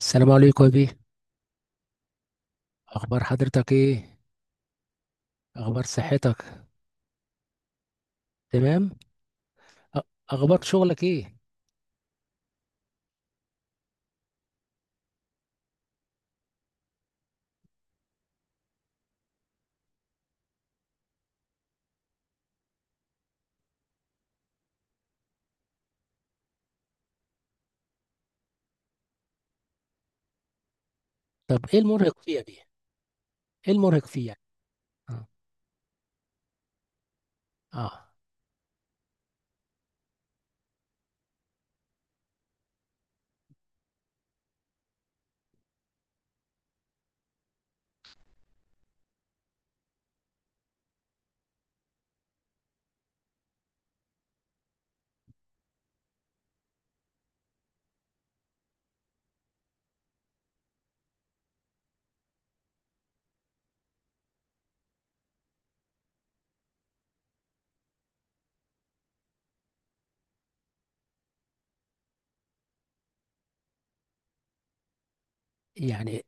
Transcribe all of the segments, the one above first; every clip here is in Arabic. السلام عليكم يا بيه. اخبار حضرتك ايه؟ اخبار صحتك؟ تمام. أ- اخبار شغلك ايه؟ طب ايه المرهق فيه يا بيه؟ ايه المرهق فيه يعني؟ اه. اه، يعني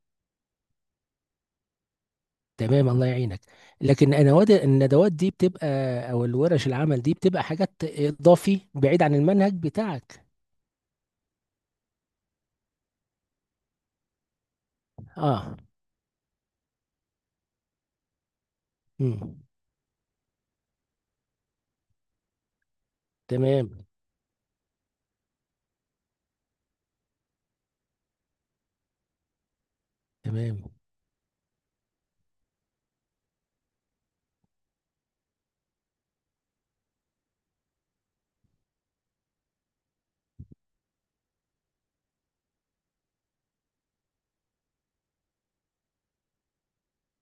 تمام، الله يعينك. لكن انا الندوات دي بتبقى او الورش العمل دي بتبقى حاجات اضافي بعيد عن المنهج بتاعك؟ اه. امم. تمام تمام.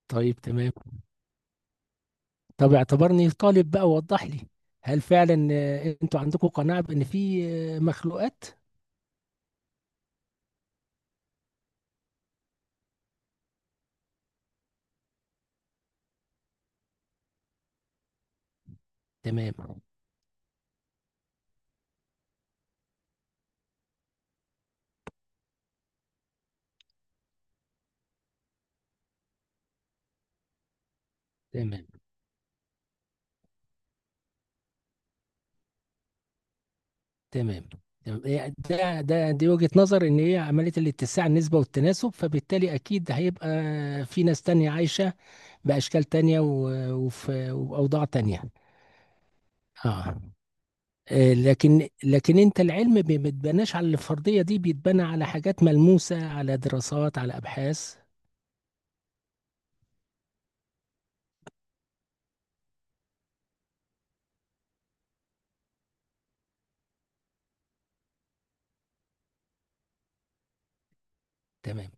طيب تمام، طب اعتبرني طالب بقى ووضح لي. هل فعلا انتوا عندكم قناعة بان في مخلوقات؟ تمام. تمام. تمام. تمام، إيه ده دي وجهة نظر ان هي عملية الاتساع النسبة والتناسب، فبالتالي اكيد هيبقى في ناس تانية عايشة باشكال تانية وفي اوضاع تانية. اه. لكن انت العلم ما بيتبناش على الفرضية دي، بيتبنى على حاجات ملموسة، على دراسات، على ابحاث. تمام.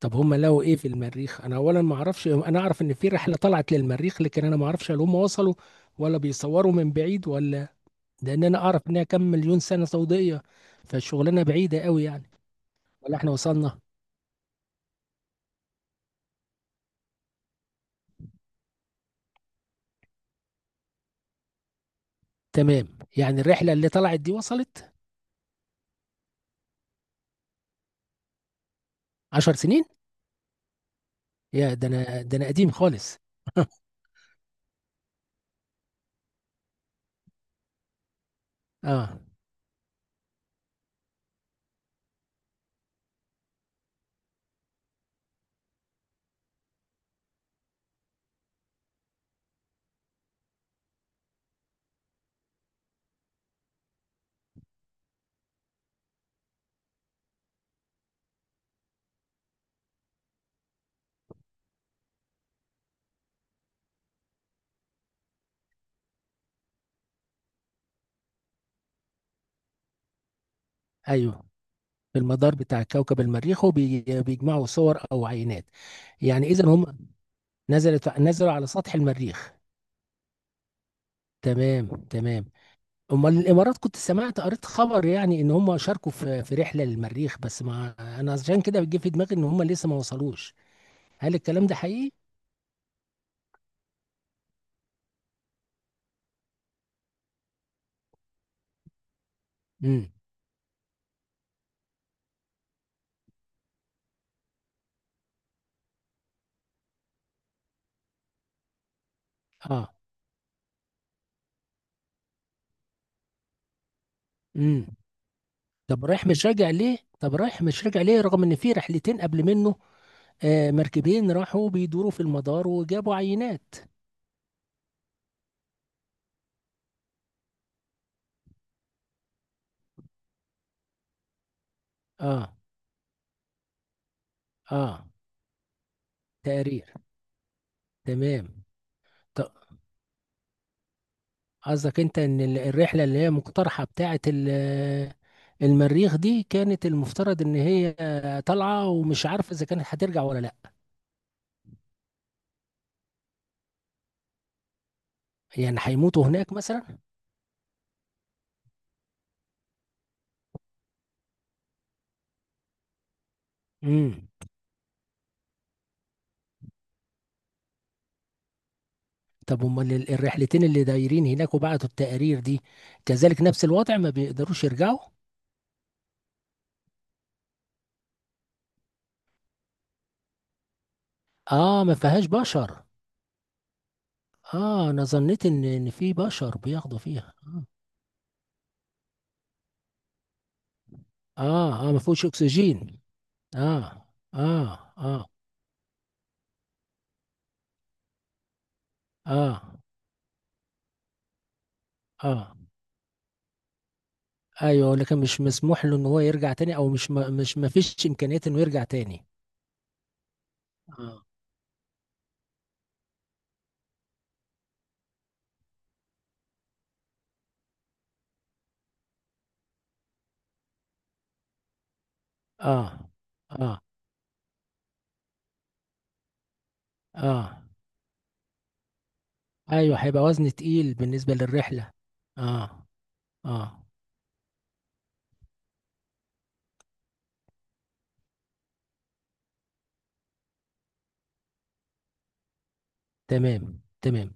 طب هم لقوا ايه في المريخ؟ انا اولا ما اعرفش. انا اعرف ان في رحلة طلعت للمريخ، لكن انا ما اعرفش هل هم وصلوا ولا بيصوروا من بعيد ولا؟ لان انا اعرف انها كم مليون سنه ضوئيه، فالشغلانه بعيده قوي يعني. ولا احنا وصلنا؟ تمام. يعني الرحله اللي طلعت دي وصلت؟ 10 سنين؟ يا ده انا، ده انا قديم خالص. اه. ايوه، في المدار بتاع كوكب المريخ، وبيجمعوا صور او عينات؟ يعني اذا هم نزلت، نزلوا على سطح المريخ. تمام تمام. امال الامارات كنت سمعت قريت خبر يعني ان هم شاركوا في رحله للمريخ، بس ما، انا عشان كده بيجي في دماغي ان هم لسه ما وصلوش. هل الكلام ده حقيقي؟ اه. امم. طب رايح مش راجع ليه؟ طب رايح مش راجع ليه رغم ان في رحلتين قبل منه آه مركبين راحوا بيدوروا في المدار وجابوا عينات؟ اه. اه، تقرير. تمام. طب قصدك انت ان الرحله اللي هي مقترحه بتاعه المريخ دي كانت المفترض ان هي طالعه ومش عارفه اذا كانت هترجع ولا لا؟ يعني هيموتوا هناك مثلا؟ امم. طب امال الرحلتين اللي دايرين هناك وبعتوا التقارير دي كذلك نفس الوضع، ما بيقدروش يرجعوا؟ اه، ما فيهاش بشر؟ اه، انا ظنيت ان في بشر بياخدوا فيها. اه. اه، ما فيهوش اكسجين. اه. اه، اه. اه. اه، ايوه، لكن مش مسموح له ان هو يرجع تاني؟ او مش ما مش ما فيش امكانية انه يرجع تاني؟ اه. اه. اه. اه، ايوه، هيبقى وزن تقيل بالنسبة للرحلة. اه. اه. تمام تمام.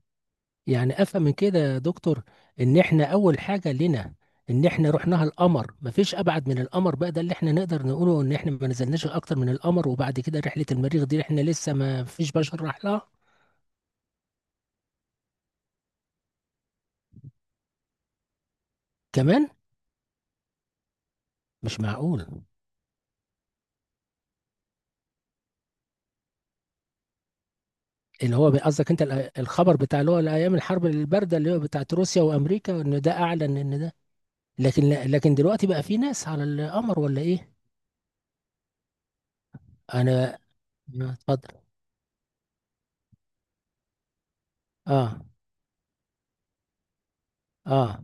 يعني افهم من كده يا دكتور، ان احنا اول حاجه لنا ان احنا رحناها القمر، مفيش ابعد من القمر بقى، ده اللي احنا نقدر نقوله، ان احنا ما نزلناش اكتر من القمر، وبعد كده رحله المريخ دي احنا لسه ما فيش بشر راح لها. كمان؟ مش معقول! اللي هو قصدك انت الخبر بتاع اللي هو الايام الحرب البارده اللي هو بتاعت روسيا وامريكا، ان ده اعلن ان ده. لكن دلوقتي بقى في ناس على القمر ولا ايه؟ انا، اتفضل. اه. اه.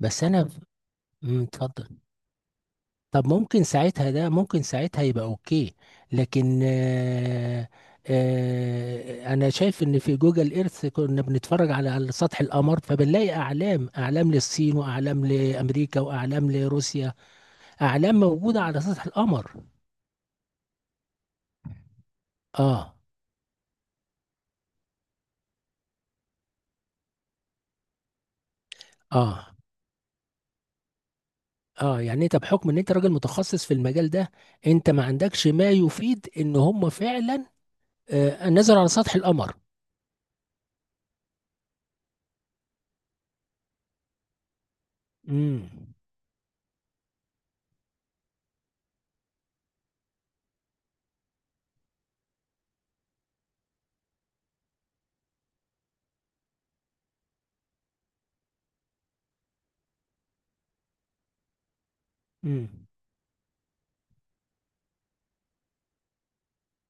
بس انا، مم، اتفضل. طب ممكن ساعتها، ده ممكن ساعتها يبقى اوكي. لكن آه، آه انا شايف ان في جوجل ايرث كنا بنتفرج على على سطح القمر، فبنلاقي اعلام، اعلام للصين واعلام لامريكا واعلام لروسيا، اعلام موجودة على سطح القمر. اه. اه. اه، يعني انت بحكم ان انت راجل متخصص في المجال ده، انت ما عندكش ما يفيد ان هم فعلا آه نزلوا على سطح القمر؟ امم. امم.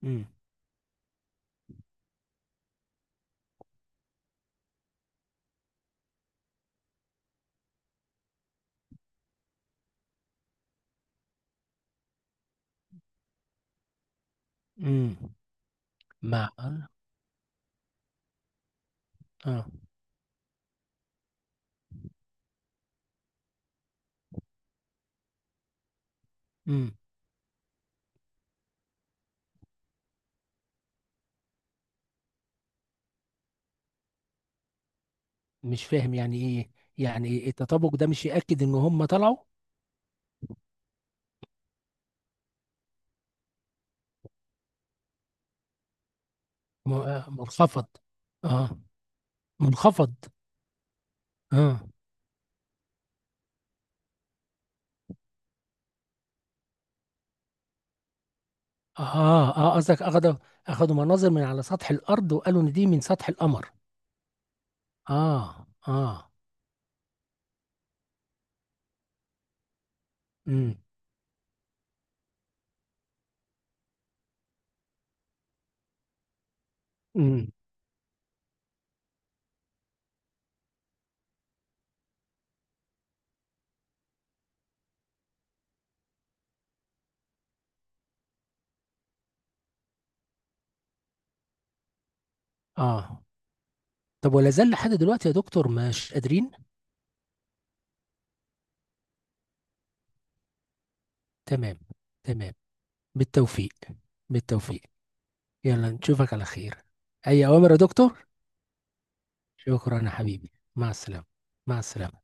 امم. امم. مع اه. آه. امم. مش فاهم يعني ايه؟ يعني إيه التطابق ده مش يأكد ان هم طلعوا؟ م-، منخفض. اه، منخفض. اه. اه، اه، قصدك اخدوا، اخدوا مناظر من على سطح الارض وقالوا ان دي من سطح القمر. اه. اه. امم. امم. اه. طب ولا زال لحد دلوقتي يا دكتور مش قادرين؟ تمام. تمام. بالتوفيق. بالتوفيق. يلا نشوفك على خير. اي اوامر يا دكتور. شكرا يا حبيبي، مع السلامة. مع السلامة.